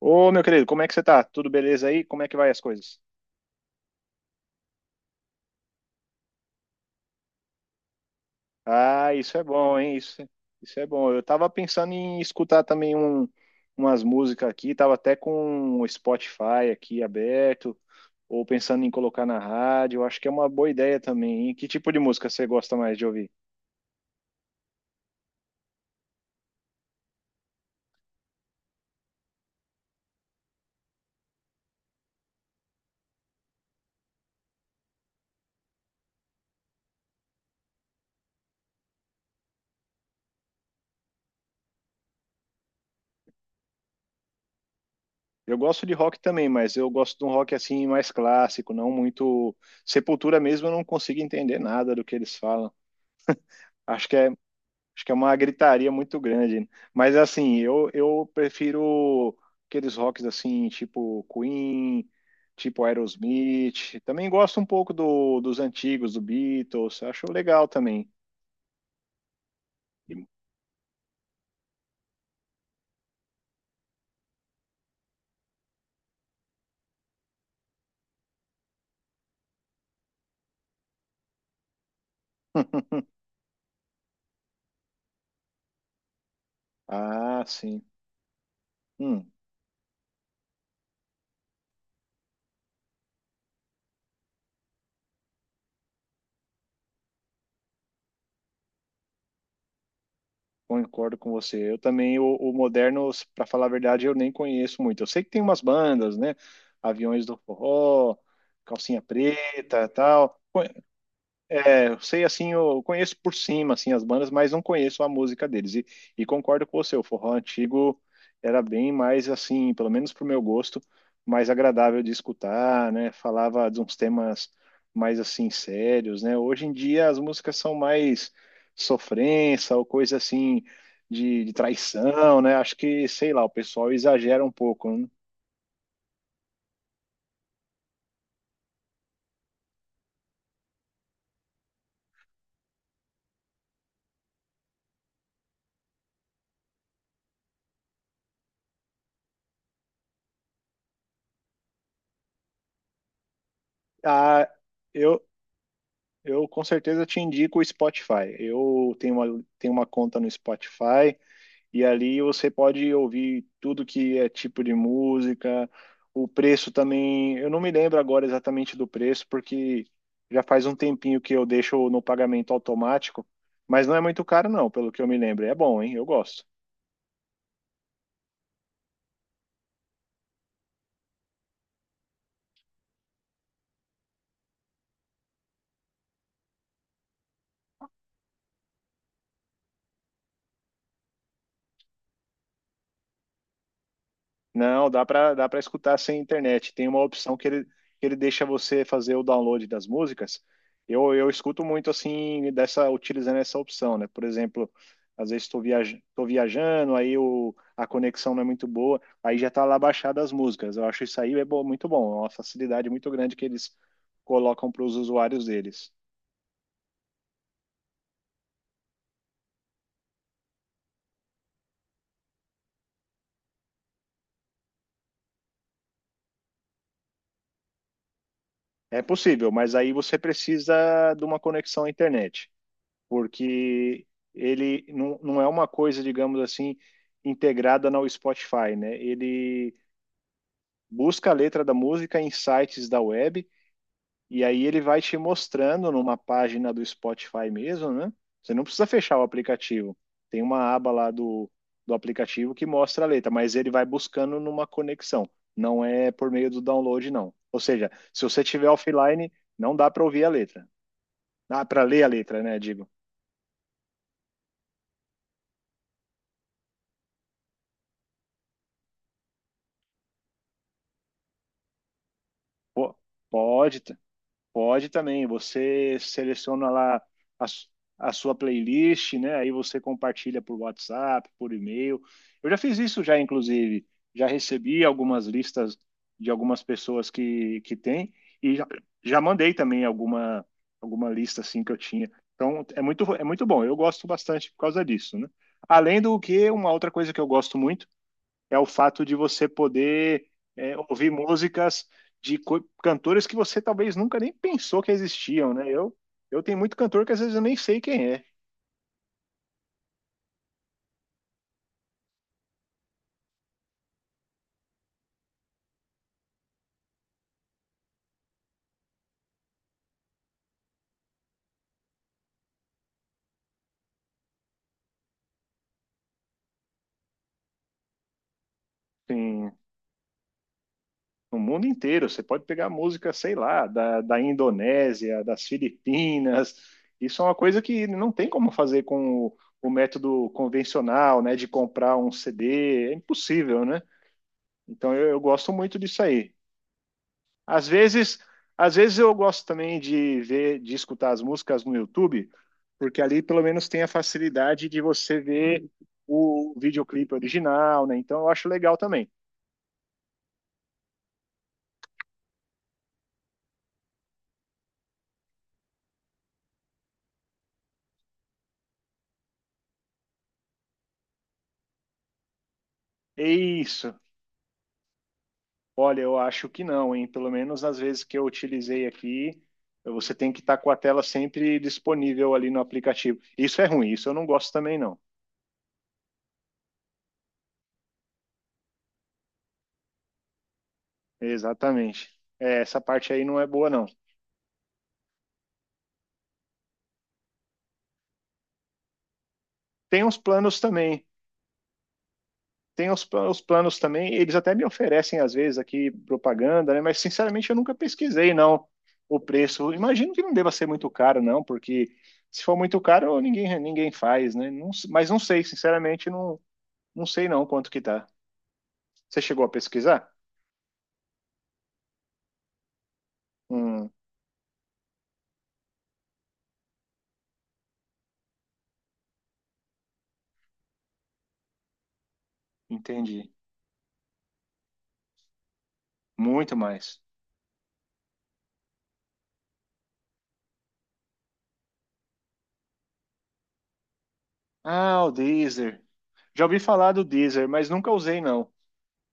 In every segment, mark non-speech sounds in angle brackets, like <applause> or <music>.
Ô, meu querido, como é que você tá? Tudo beleza aí? Como é que vai as coisas? Ah, isso é bom, hein? Isso, isso é bom. Eu tava pensando em escutar também umas músicas aqui, tava até com o Spotify aqui aberto, ou pensando em colocar na rádio. Eu acho que é uma boa ideia também, hein? Que tipo de música você gosta mais de ouvir? Eu gosto de rock também, mas eu gosto de um rock assim mais clássico, não muito. Sepultura mesmo, eu não consigo entender nada do que eles falam. Acho que é, Acho que é uma gritaria muito grande, né? Mas assim, eu prefiro aqueles rocks assim, tipo Queen, tipo Aerosmith. Também gosto um pouco dos antigos, do Beatles. Acho legal também. E- <laughs> Ah, sim. Hum, concordo com você. Eu também, o moderno, para falar a verdade, eu nem conheço muito. Eu sei que tem umas bandas, né? Aviões do Forró, Calcinha Preta, tal. É, eu sei assim, eu conheço por cima assim as bandas, mas não conheço a música deles. E concordo com você, o forró antigo era bem mais assim, pelo menos pro meu gosto, mais agradável de escutar, né? Falava de uns temas mais assim sérios, né? Hoje em dia as músicas são mais sofrência ou coisa assim de traição, né? Acho que, sei lá, o pessoal exagera um pouco, né? Ah, eu, Eu com certeza te indico o Spotify. Eu tenho tenho uma conta no Spotify e ali você pode ouvir tudo que é tipo de música. O preço também, eu não me lembro agora exatamente do preço, porque já faz um tempinho que eu deixo no pagamento automático, mas não é muito caro, não, pelo que eu me lembro. É bom, hein? Eu gosto. Não, dá para escutar sem internet. Tem uma opção que que ele deixa você fazer o download das músicas. Eu escuto muito assim dessa utilizando essa opção, né? Por exemplo, às vezes estou viaj tô viajando, aí a conexão não é muito boa, aí já tá lá baixada as músicas. Eu acho isso aí é muito bom, é uma facilidade muito grande que eles colocam para os usuários deles. É possível, mas aí você precisa de uma conexão à internet, porque ele não, não é uma coisa, digamos assim, integrada no Spotify, né? Ele busca a letra da música em sites da web e aí ele vai te mostrando numa página do Spotify mesmo, né? Você não precisa fechar o aplicativo. Tem uma aba lá do aplicativo que mostra a letra, mas ele vai buscando numa conexão. Não é por meio do download, não. Ou seja, se você tiver offline, não dá para ouvir a letra. Dá para ler a letra, né? Digo, pô, pode. Pode também, você seleciona lá a, su- a sua playlist, né? Aí você compartilha por WhatsApp, por e-mail. Eu já fiz isso já, inclusive. Já recebi algumas listas de algumas pessoas que têm e já mandei também alguma lista assim que eu tinha. Então, é muito bom. Eu gosto bastante por causa disso, né? Além do que, uma outra coisa que eu gosto muito é o fato de você poder é, ouvir músicas de cantores que você talvez nunca nem pensou que existiam, né? Eu tenho muito cantor que às vezes eu nem sei quem é. Tem no mundo inteiro, você pode pegar música, sei lá, da Indonésia, das Filipinas. Isso é uma coisa que não tem como fazer com o método convencional, né? De comprar um CD, é impossível, né? Então eu gosto muito disso aí. Às vezes, às vezes eu gosto também de ver, de escutar as músicas no YouTube, porque ali pelo menos tem a facilidade de você ver o videoclipe original, né? Então eu acho legal também. É isso. Olha, eu acho que não, hein? Pelo menos as vezes que eu utilizei aqui, você tem que estar com a tela sempre disponível ali no aplicativo. Isso é ruim, isso eu não gosto também, não. Exatamente. É, essa parte aí não é boa, não. Tem uns planos também tem os planos também, eles até me oferecem às vezes aqui propaganda, né? Mas sinceramente eu nunca pesquisei não o preço. Imagino que não deva ser muito caro não, porque se for muito caro ninguém faz, né? Não- mas não sei, sinceramente não não sei não quanto que tá. Você chegou a pesquisar? Hum, entendi. Muito mais. Ah, o Deezer. Já ouvi falar do Deezer, mas nunca usei não.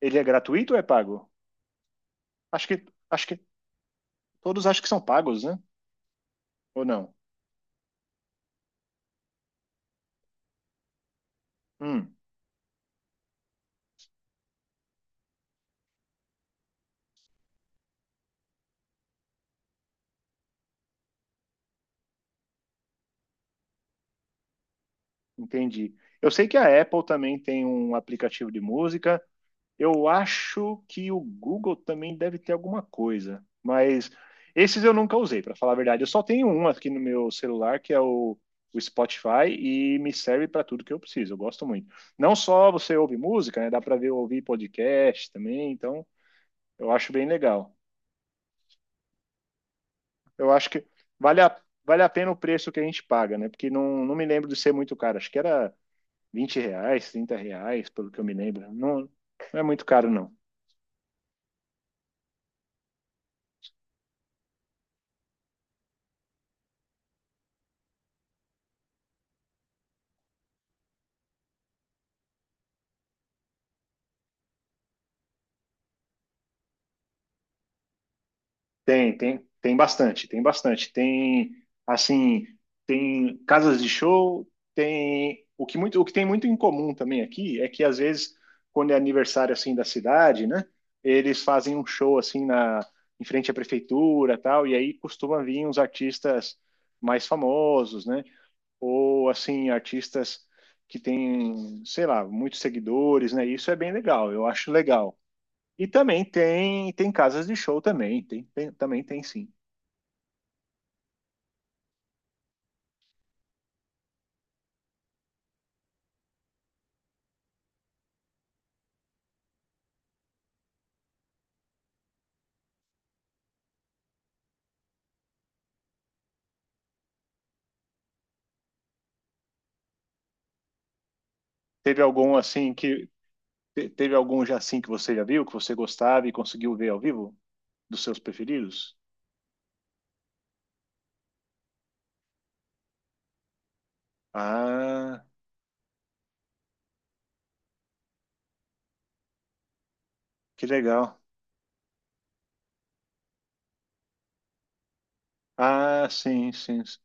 Ele é gratuito ou é pago? Acho que acho que todos acham que são pagos, né? Ou não? Hum. Entendi. Eu sei que a Apple também tem um aplicativo de música. Eu acho que o Google também deve ter alguma coisa, mas esses eu nunca usei, para falar a verdade. Eu só tenho um aqui no meu celular, que é o Spotify, e me serve para tudo que eu preciso. Eu gosto muito. Não só você ouve música, né? Dá para ver ouvir podcast também, então eu acho bem legal. Eu acho que vale a, vale a pena o preço que a gente paga, né? Porque não, não me lembro de ser muito caro. Acho que era 20 reais, 30 reais, pelo que eu me lembro. Não, não é muito caro, não. Tem bastante, tem bastante. Assim, tem casas de show, tem. O que muito, o que tem muito em comum também aqui é que, às vezes, quando é aniversário, assim, da cidade, né? Eles fazem um show, assim, em frente à prefeitura, tal, e aí costuma vir uns artistas mais famosos, né? Ou assim artistas que têm, sei lá, muitos seguidores, né? Isso é bem legal, eu acho legal. E também tem casas de show também, também tem sim. Teve algum assim que Teve algum já assim que você já viu, que você gostava e conseguiu ver ao vivo dos seus preferidos? Ah, que legal. Ah, sim, sim, sim.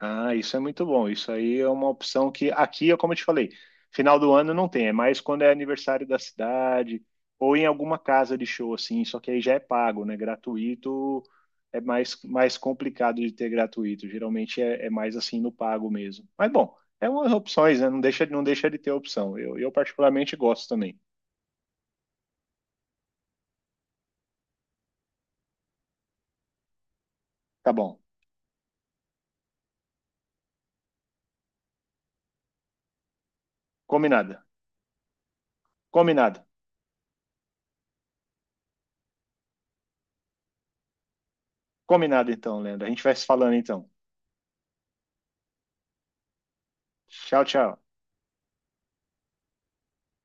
Ah, isso é muito bom. Isso aí é uma opção que aqui, é como eu te falei, final do ano não tem, é mais quando é aniversário da cidade ou em alguma casa de show assim, só que aí já é pago, né? Gratuito é mais complicado de ter gratuito. Geralmente é mais assim no pago mesmo. Mas bom, é umas opções, né? Não deixa de ter opção. Eu particularmente gosto também. Tá bom. Combinado. Combinado. Combinado então, Leandro. A gente vai se falando então. Tchau, tchau.